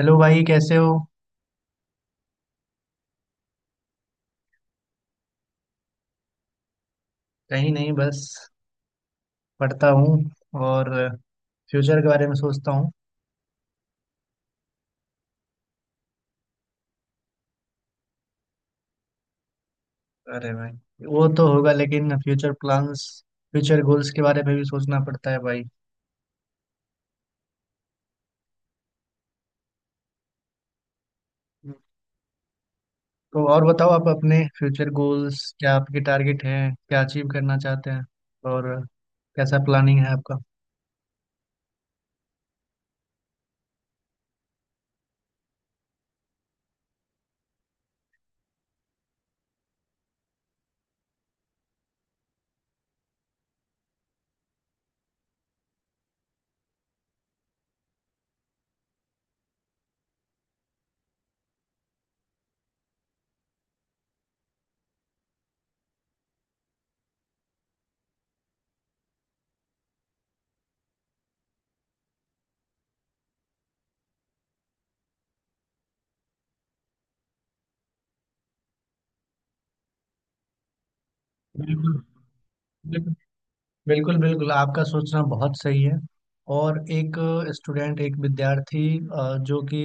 Hello भाई कैसे हो। कहीं नहीं, बस पढ़ता हूँ और फ्यूचर के बारे में सोचता हूँ। अरे भाई वो तो होगा, लेकिन फ्यूचर प्लान्स, फ्यूचर गोल्स के बारे में भी सोचना पड़ता है भाई। तो और बताओ, आप अपने फ्यूचर गोल्स, क्या आपके टारगेट हैं, क्या अचीव करना चाहते हैं और कैसा प्लानिंग है आपका। बिल्कुल बिल्कुल। बिल्कुल बिल्कुल, आपका सोचना बहुत सही है। और एक स्टूडेंट, एक विद्यार्थी अ, जो कि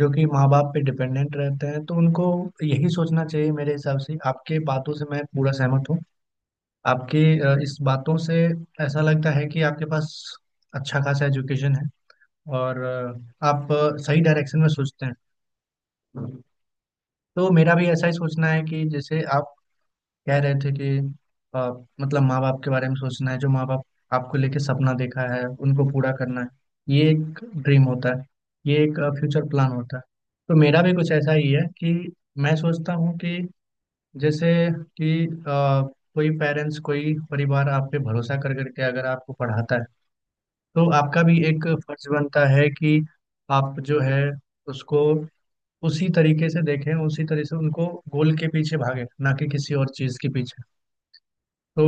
जो कि माँ बाप पे डिपेंडेंट रहते हैं तो उनको यही सोचना चाहिए। मेरे हिसाब से आपके बातों से मैं पूरा सहमत हूँ, आपके इस बातों से। ऐसा लगता है कि आपके पास अच्छा खासा एजुकेशन है और आप सही डायरेक्शन में सोचते हैं। तो मेरा भी ऐसा ही सोचना है कि जैसे आप कह रहे थे कि अ, मतलब माँ बाप के बारे में सोचना है, जो माँ बाप आपको लेके सपना देखा है उनको पूरा करना है। ये एक ड्रीम होता है, ये एक फ्यूचर प्लान होता है। तो मेरा भी कुछ ऐसा ही है कि मैं सोचता हूँ कि जैसे कि कोई पेरेंट्स, कोई परिवार आप पे भरोसा कर करके अगर आपको पढ़ाता है तो आपका भी एक फर्ज बनता है कि आप जो है उसको उसी तरीके से देखें, उसी तरह से उनको गोल के पीछे भागे, ना कि किसी और चीज़ के पीछे। तो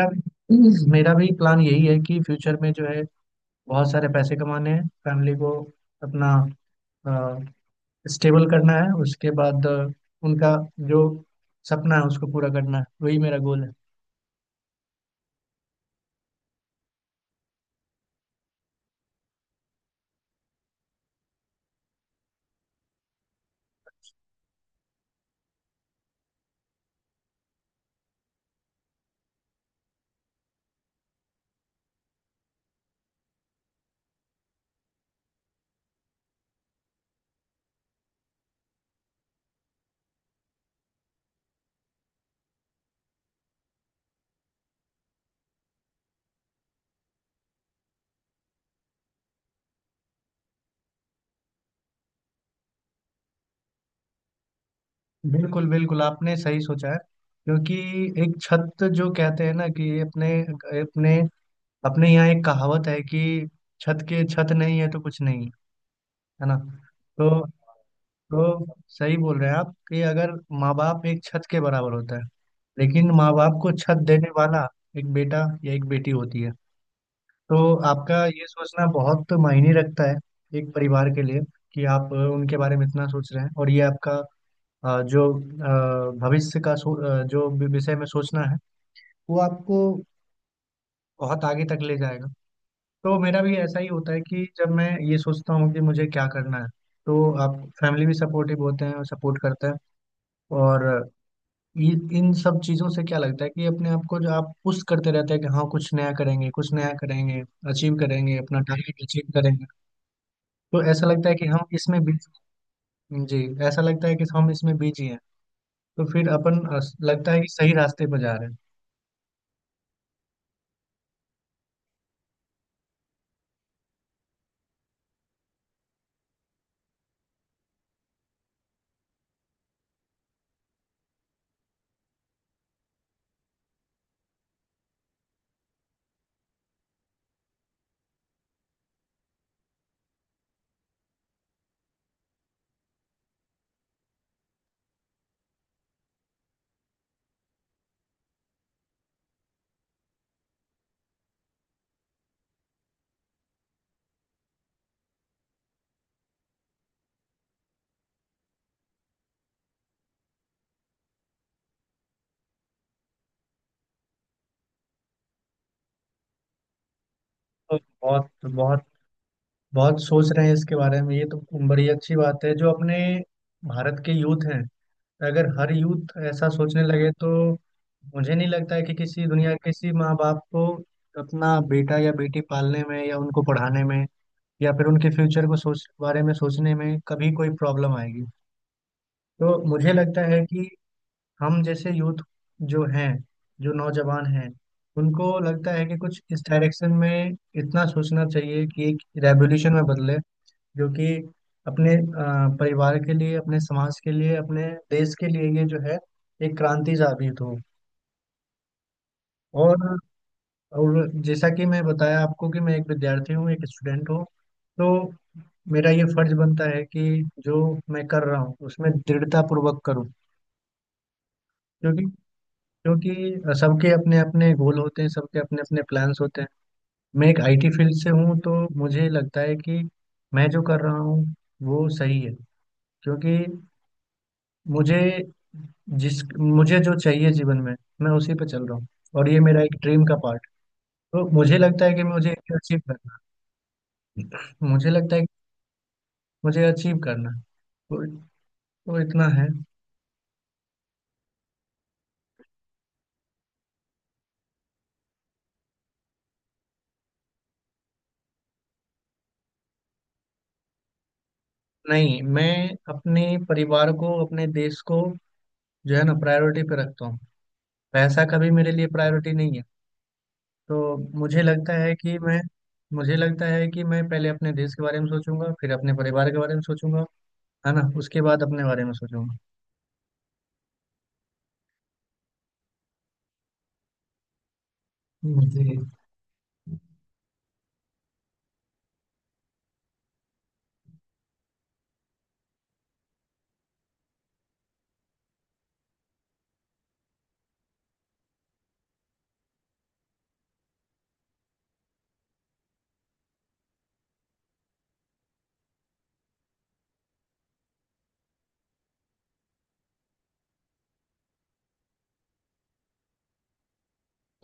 मेरा भी मेरा भी प्लान यही है कि फ्यूचर में जो है, बहुत सारे पैसे कमाने हैं, फैमिली को अपना स्टेबल करना है। उसके बाद उनका जो सपना है उसको पूरा करना है, वही मेरा गोल है। बिल्कुल बिल्कुल, आपने सही सोचा है। क्योंकि एक छत, जो कहते हैं ना कि अपने अपने अपने यहाँ एक कहावत है कि छत के, छत नहीं है तो कुछ नहीं है, है ना। तो तो सही बोल रहे हैं आप कि अगर माँ बाप एक छत के बराबर होता है, लेकिन माँ बाप को छत देने वाला एक बेटा या एक बेटी होती है। तो आपका ये सोचना बहुत मायने रखता है एक परिवार के लिए, कि आप उनके बारे में इतना सोच रहे हैं। और ये आपका अ, जो भविष्य का विषय में सोचना है, वो आपको बहुत आगे तक ले जाएगा। तो मेरा भी ऐसा ही होता है कि जब मैं ये सोचता हूँ कि मुझे क्या करना है, तो आप फैमिली भी सपोर्टिव होते हैं और सपोर्ट करते हैं। और ये इन सब चीजों से क्या लगता है कि अपने आप को जो आप पुश करते रहते हैं कि हाँ कुछ नया करेंगे, अचीव करेंगे, अपना टारगेट अचीव करेंगे। तो ऐसा लगता है कि हम इसमें बिजी। जी। ऐसा लगता है कि हम इसमें बिजी हैं, तो फिर लगता है कि सही रास्ते पर जा रहे हैं। तो बहुत बहुत बहुत सोच रहे हैं इसके बारे में, ये तो बड़ी अच्छी बात है। जो अपने भारत के यूथ हैं, अगर हर यूथ ऐसा सोचने लगे तो मुझे नहीं लगता है कि किसी दुनिया, किसी माँ बाप को अपना बेटा या बेटी पालने में, या उनको पढ़ाने में, या फिर उनके फ्यूचर को सोचने में कभी कोई प्रॉब्लम आएगी। तो मुझे लगता है कि हम जैसे यूथ जो हैं, जो नौजवान हैं, उनको लगता है कि कुछ इस डायरेक्शन में इतना सोचना चाहिए कि एक रेवोल्यूशन में बदले, जो कि अपने परिवार के लिए, अपने समाज के लिए, अपने देश के लिए ये जो है एक क्रांति साबित हो। और और जैसा कि मैं बताया आपको कि मैं एक विद्यार्थी हूँ, एक स्टूडेंट हूँ, तो मेरा ये फर्ज बनता है कि जो मैं कर रहा हूँ उसमें दृढ़ता पूर्वक करूँ। क्योंकि क्योंकि सबके अपने अपने गोल होते हैं, सबके अपने अपने प्लान्स होते हैं। मैं एक आईटी फील्ड से हूँ, तो मुझे लगता है कि मैं जो कर रहा हूँ वो सही है। क्योंकि मुझे मुझे जो चाहिए जीवन में, मैं उसी पे चल रहा हूँ। और ये मेरा एक ड्रीम का पार्ट। तो मुझे लगता है कि मुझे अचीव करना है। मुझे लगता है कि मुझे अचीव करना है। तो, तो इतना है। नहीं, मैं अपने परिवार को, अपने देश को जो है ना प्रायोरिटी पे रखता हूँ। पैसा कभी मेरे लिए प्रायोरिटी नहीं है। तो मुझे लगता है कि मैं मुझे लगता है कि मैं पहले अपने देश के बारे में सोचूंगा, फिर अपने परिवार के बारे में सोचूंगा, है ना, उसके बाद अपने बारे में सोचूंगा। जी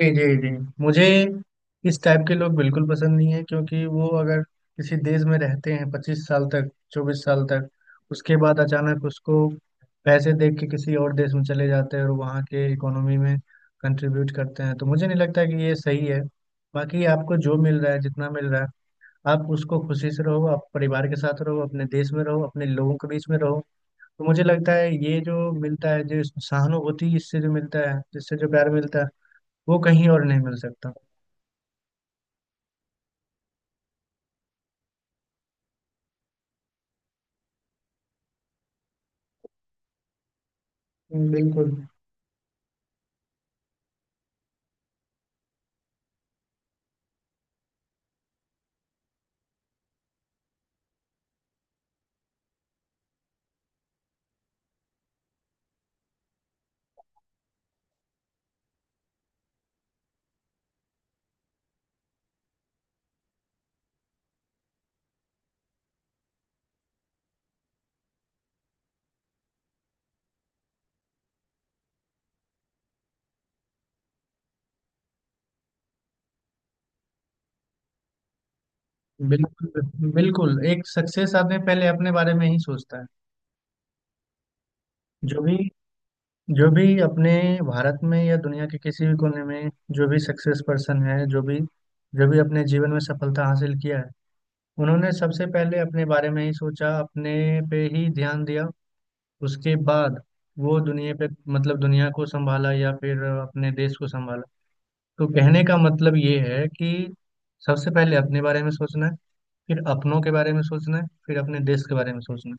जी जी। जी मुझे इस टाइप के लोग बिल्कुल पसंद नहीं है। क्योंकि वो अगर किसी देश में रहते हैं पच्चीस साल तक, चौबीस साल तक, उसके बाद अचानक उसको पैसे देख के किसी और देश में चले जाते हैं और वहाँ के इकोनॉमी में कंट्रीब्यूट करते हैं, तो मुझे नहीं लगता कि ये सही है। बाकी आपको जो मिल रहा है, जितना मिल रहा है, आप उसको खुशी से रहो, आप परिवार के साथ रहो, अपने देश में रहो, अपने लोगों के बीच में रहो। तो मुझे लगता है ये जो मिलता है, जो सहानुभूति इससे जो मिलता है, जिससे जो प्यार मिलता है, वो कहीं और नहीं मिल सकता। बिल्कुल। बिल्कुल बिल्कुल, एक सक्सेस आदमी पहले अपने बारे में ही सोचता है। जो भी जो भी अपने भारत में या दुनिया के किसी भी कोने में जो भी सक्सेस पर्सन है, जो भी अपने जीवन में सफलता हासिल किया है, उन्होंने सबसे पहले अपने बारे में ही सोचा, अपने पे ही ध्यान दिया। उसके बाद वो दुनिया पे, मतलब दुनिया को संभाला या फिर अपने देश को संभाला। तो कहने का मतलब ये है कि सबसे पहले अपने बारे में सोचना है, फिर अपनों के बारे में सोचना है, फिर अपने देश के बारे में सोचना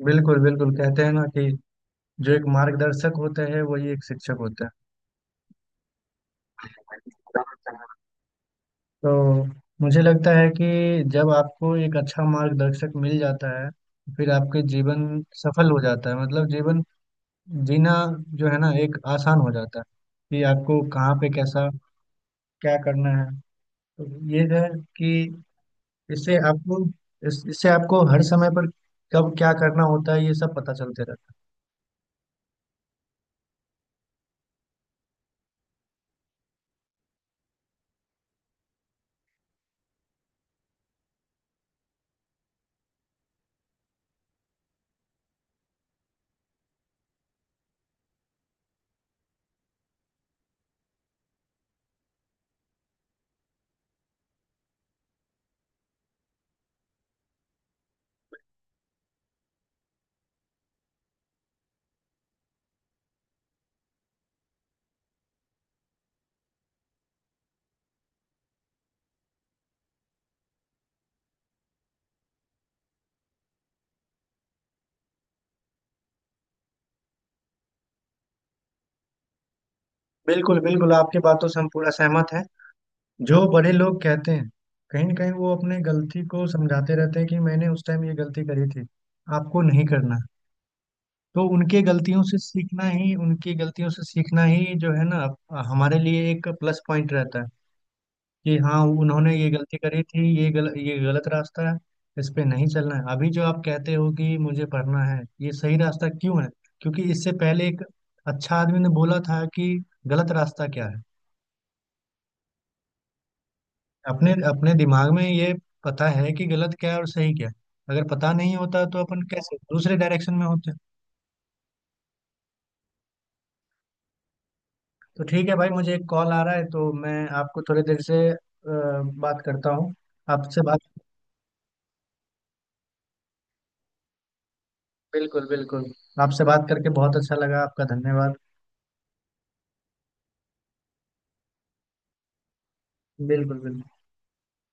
है। बिल्कुल बिल्कुल, कहते हैं ना कि जो एक मार्गदर्शक होता है, वही एक शिक्षक होता है। तो मुझे लगता है कि जब आपको एक अच्छा मार्गदर्शक मिल जाता है, फिर आपके जीवन सफल हो जाता है, मतलब जीवन जीना जो है ना एक आसान हो जाता है। कि आपको कहाँ पे कैसा क्या करना है। तो ये है कि इससे आपको इससे आपको हर समय पर कब क्या करना होता है ये सब पता चलते रहता है। बिल्कुल बिल्कुल, आपकी बातों से हम पूरा सहमत हैं। जो बड़े लोग कहते हैं, कहीं ना कहीं वो अपने गलती को समझाते रहते हैं कि मैंने उस टाइम ये गलती करी थी, आपको नहीं करना। तो उनके गलतियों से सीखना ही उनकी गलतियों से सीखना ही जो है ना, हमारे लिए एक प्लस पॉइंट रहता है। कि हाँ, उन्होंने ये गलती करी थी, ये गलत रास्ता है, इस पे नहीं चलना है। अभी जो आप कहते हो कि मुझे पढ़ना है, ये सही रास्ता क्यों है? क्योंकि इससे पहले एक अच्छा आदमी ने बोला था कि गलत रास्ता क्या है। अपने अपने दिमाग में ये पता है कि गलत क्या है और सही क्या है। अगर पता नहीं होता तो अपन कैसे दूसरे डायरेक्शन में होते। तो ठीक है भाई, मुझे एक कॉल आ रहा है तो मैं आपको थोड़ी देर से बात करता हूँ, आपसे बात। बिल्कुल बिल्कुल, आपसे बात करके बहुत अच्छा लगा। आपका धन्यवाद। बिल्कुल बिल्कुल।